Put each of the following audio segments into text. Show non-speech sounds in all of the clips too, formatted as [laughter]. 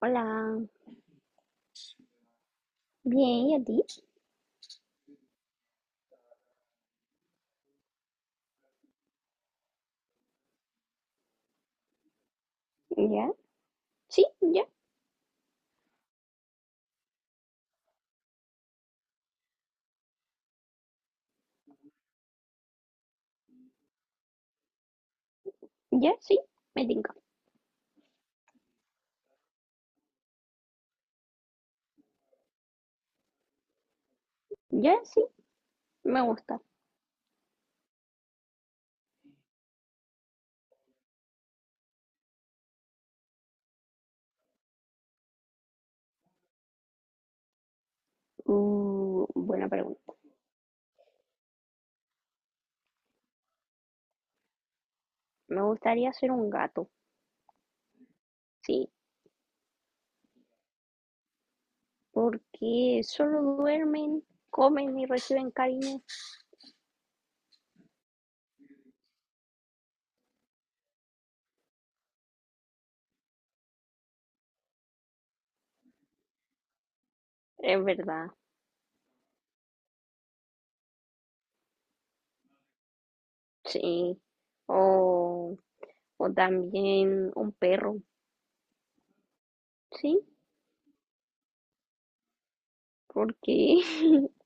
Hola, bien, ¿y a ti? ¿Ya? Sí, ya, ya, sí, me tinca. Ya, sí, me gusta. Buena pregunta. Me gustaría ser un gato, sí, porque solo duermen, comen y reciben cariño. Es verdad, sí. O, o también un perro, sí, porque [laughs]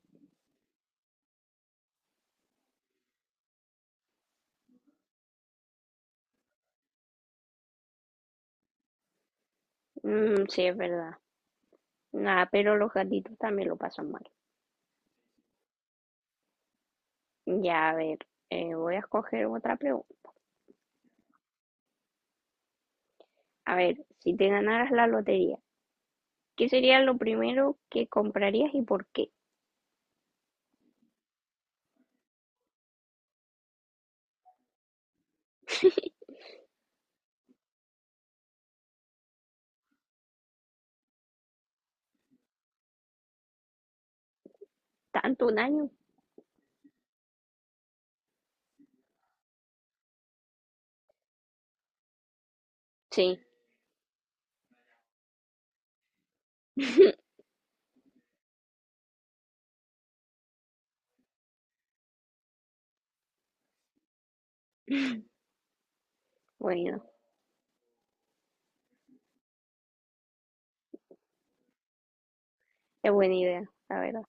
mm, sí, es verdad. Nada, pero los gatitos también lo pasan mal. Ya, a ver, voy a escoger otra pregunta. A ver, si te ganaras la lotería, ¿qué sería lo primero que comprarías y por qué? ¿Tanto un año? Sí, [laughs] bueno, es buena idea, la verdad.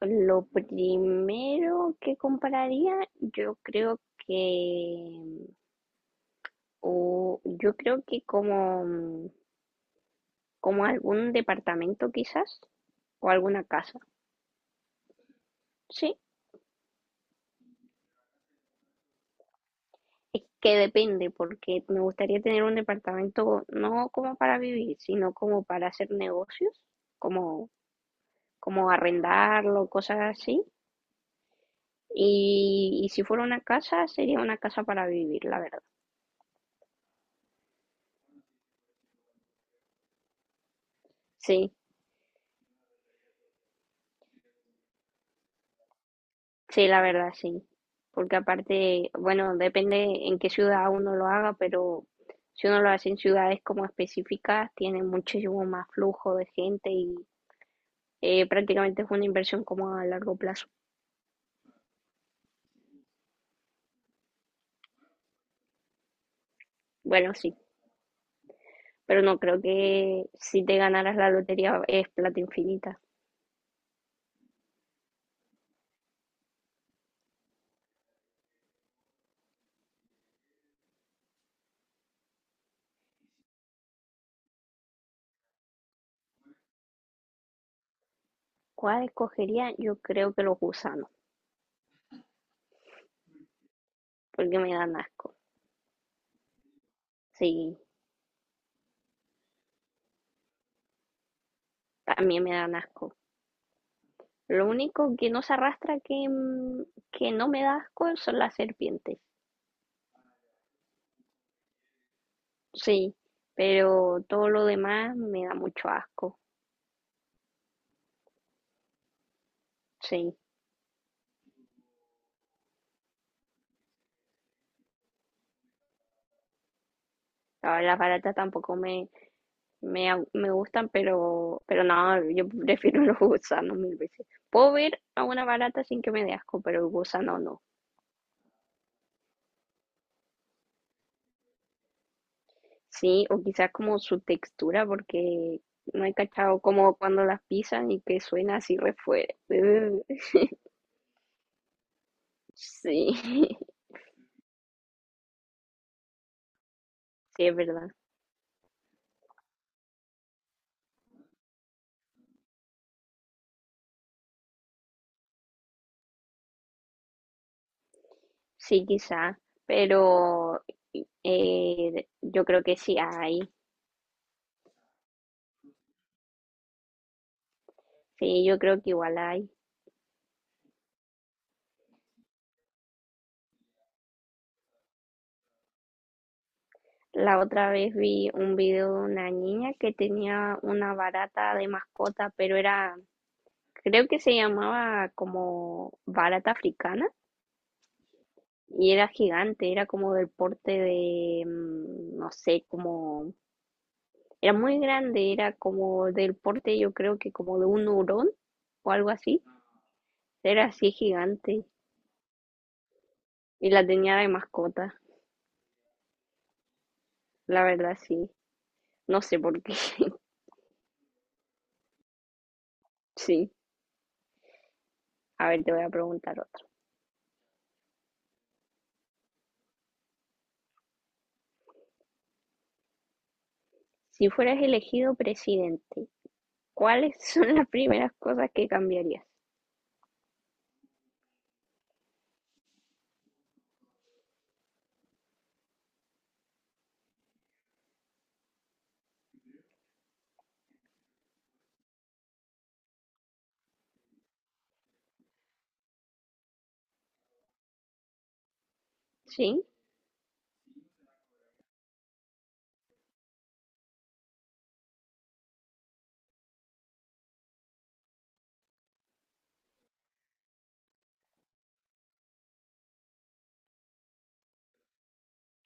Lo primero que compraría, yo creo que, o yo creo que como algún departamento quizás, o alguna casa, sí. Es que depende, porque me gustaría tener un departamento no como para vivir, sino como para hacer negocios, como como arrendarlo, cosas así. Y si fuera una casa, sería una casa para vivir, la verdad. Sí, sí, la verdad, sí. Porque aparte, bueno, depende en qué ciudad uno lo haga, pero si uno lo hace en ciudades como específicas, tiene muchísimo más flujo de gente y prácticamente es una inversión como a largo plazo. Bueno, sí, pero no creo que si te ganaras la lotería es plata infinita. ¿Cuál escogería? Yo creo que los gusanos, porque me dan asco. Sí, también me dan asco. Lo único que no se arrastra que no me da asco son las serpientes. Sí, pero todo lo demás me da mucho asco. Sí, las baratas tampoco me gustan, pero no, yo prefiero [laughs] los gusanos mil veces. Puedo ver a una barata sin que me dé asco, pero el gusano no. Sí, o quizás como su textura, porque no he cachado como cuando las pisan y que suena así re fuerte. [laughs] Sí, [laughs] sí, es verdad. Sí, quizá, pero yo creo que sí hay, sí, yo creo que igual hay. La otra vez vi un video de una niña que tenía una barata de mascota, pero era, creo que se llamaba como barata africana y era gigante, era como del porte de, no sé, como, era muy grande, era como del porte, yo creo que como de un hurón o algo así, era así gigante y la tenía de mascota. La verdad sí, no sé por qué. [laughs] Sí, a ver, te voy a preguntar otra. Si fueras elegido presidente, ¿cuáles son las primeras cosas que cambiarías? ¿Sí?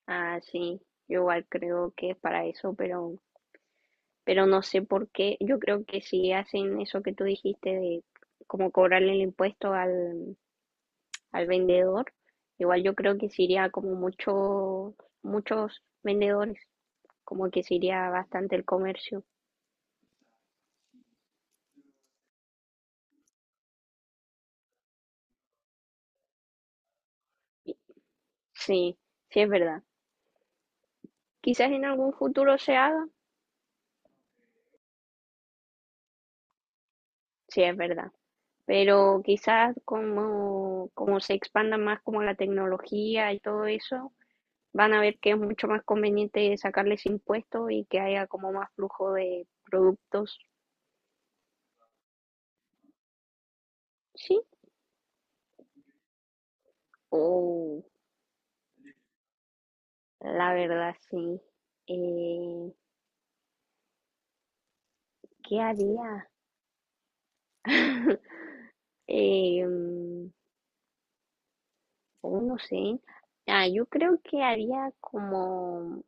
Ah, sí, yo igual creo que es para eso, pero no sé por qué. Yo creo que si hacen eso que tú dijiste de como cobrarle el impuesto al vendedor, igual yo creo que se iría como muchos vendedores, como que se iría bastante el comercio. Sí, sí es verdad. Quizás en algún futuro se haga, sí, es verdad, pero quizás como, se expanda más como la tecnología y todo eso, van a ver que es mucho más conveniente sacarles impuestos y que haya como más flujo de productos, sí, o la verdad sí. Eh, ¿Qué haría? [laughs] eh, oh, no sé. Ah, yo creo que haría como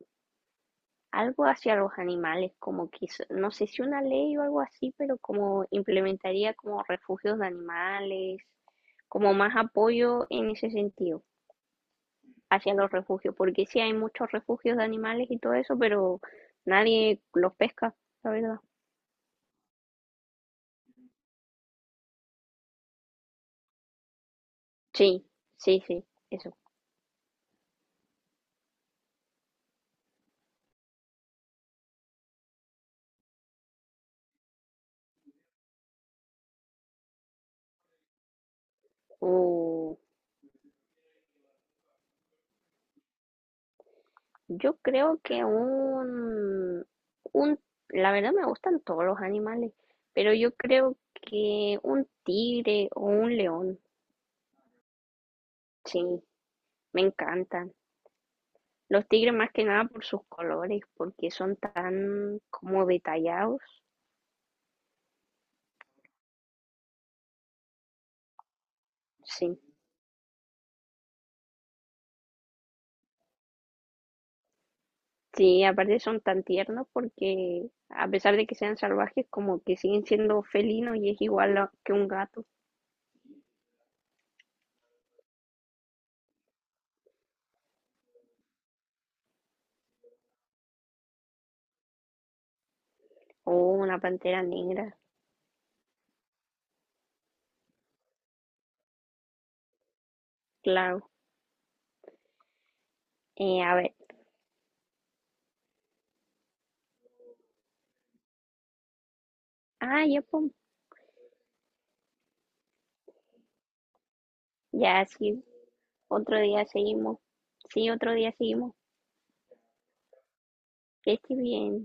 algo hacia los animales, como quizá, no sé si una ley o algo así, pero como implementaría como refugios de animales, como más apoyo en ese sentido hacia los refugios, porque sí hay muchos refugios de animales y todo eso, pero nadie los pesca, la verdad. Sí, sí, sí, eso. Uh, yo creo que un, la verdad me gustan todos los animales, pero yo creo que un tigre o un león, sí, me encantan. Los tigres más que nada por sus colores, porque son tan como detallados. Sí. Sí, aparte son tan tiernos porque a pesar de que sean salvajes, como que siguen siendo felinos y es igual que un gato o una pantera negra. Claro. A ver. Ah, ya, pum. Ya, sí. Otro día seguimos. Sí, otro día seguimos. Que estés bien.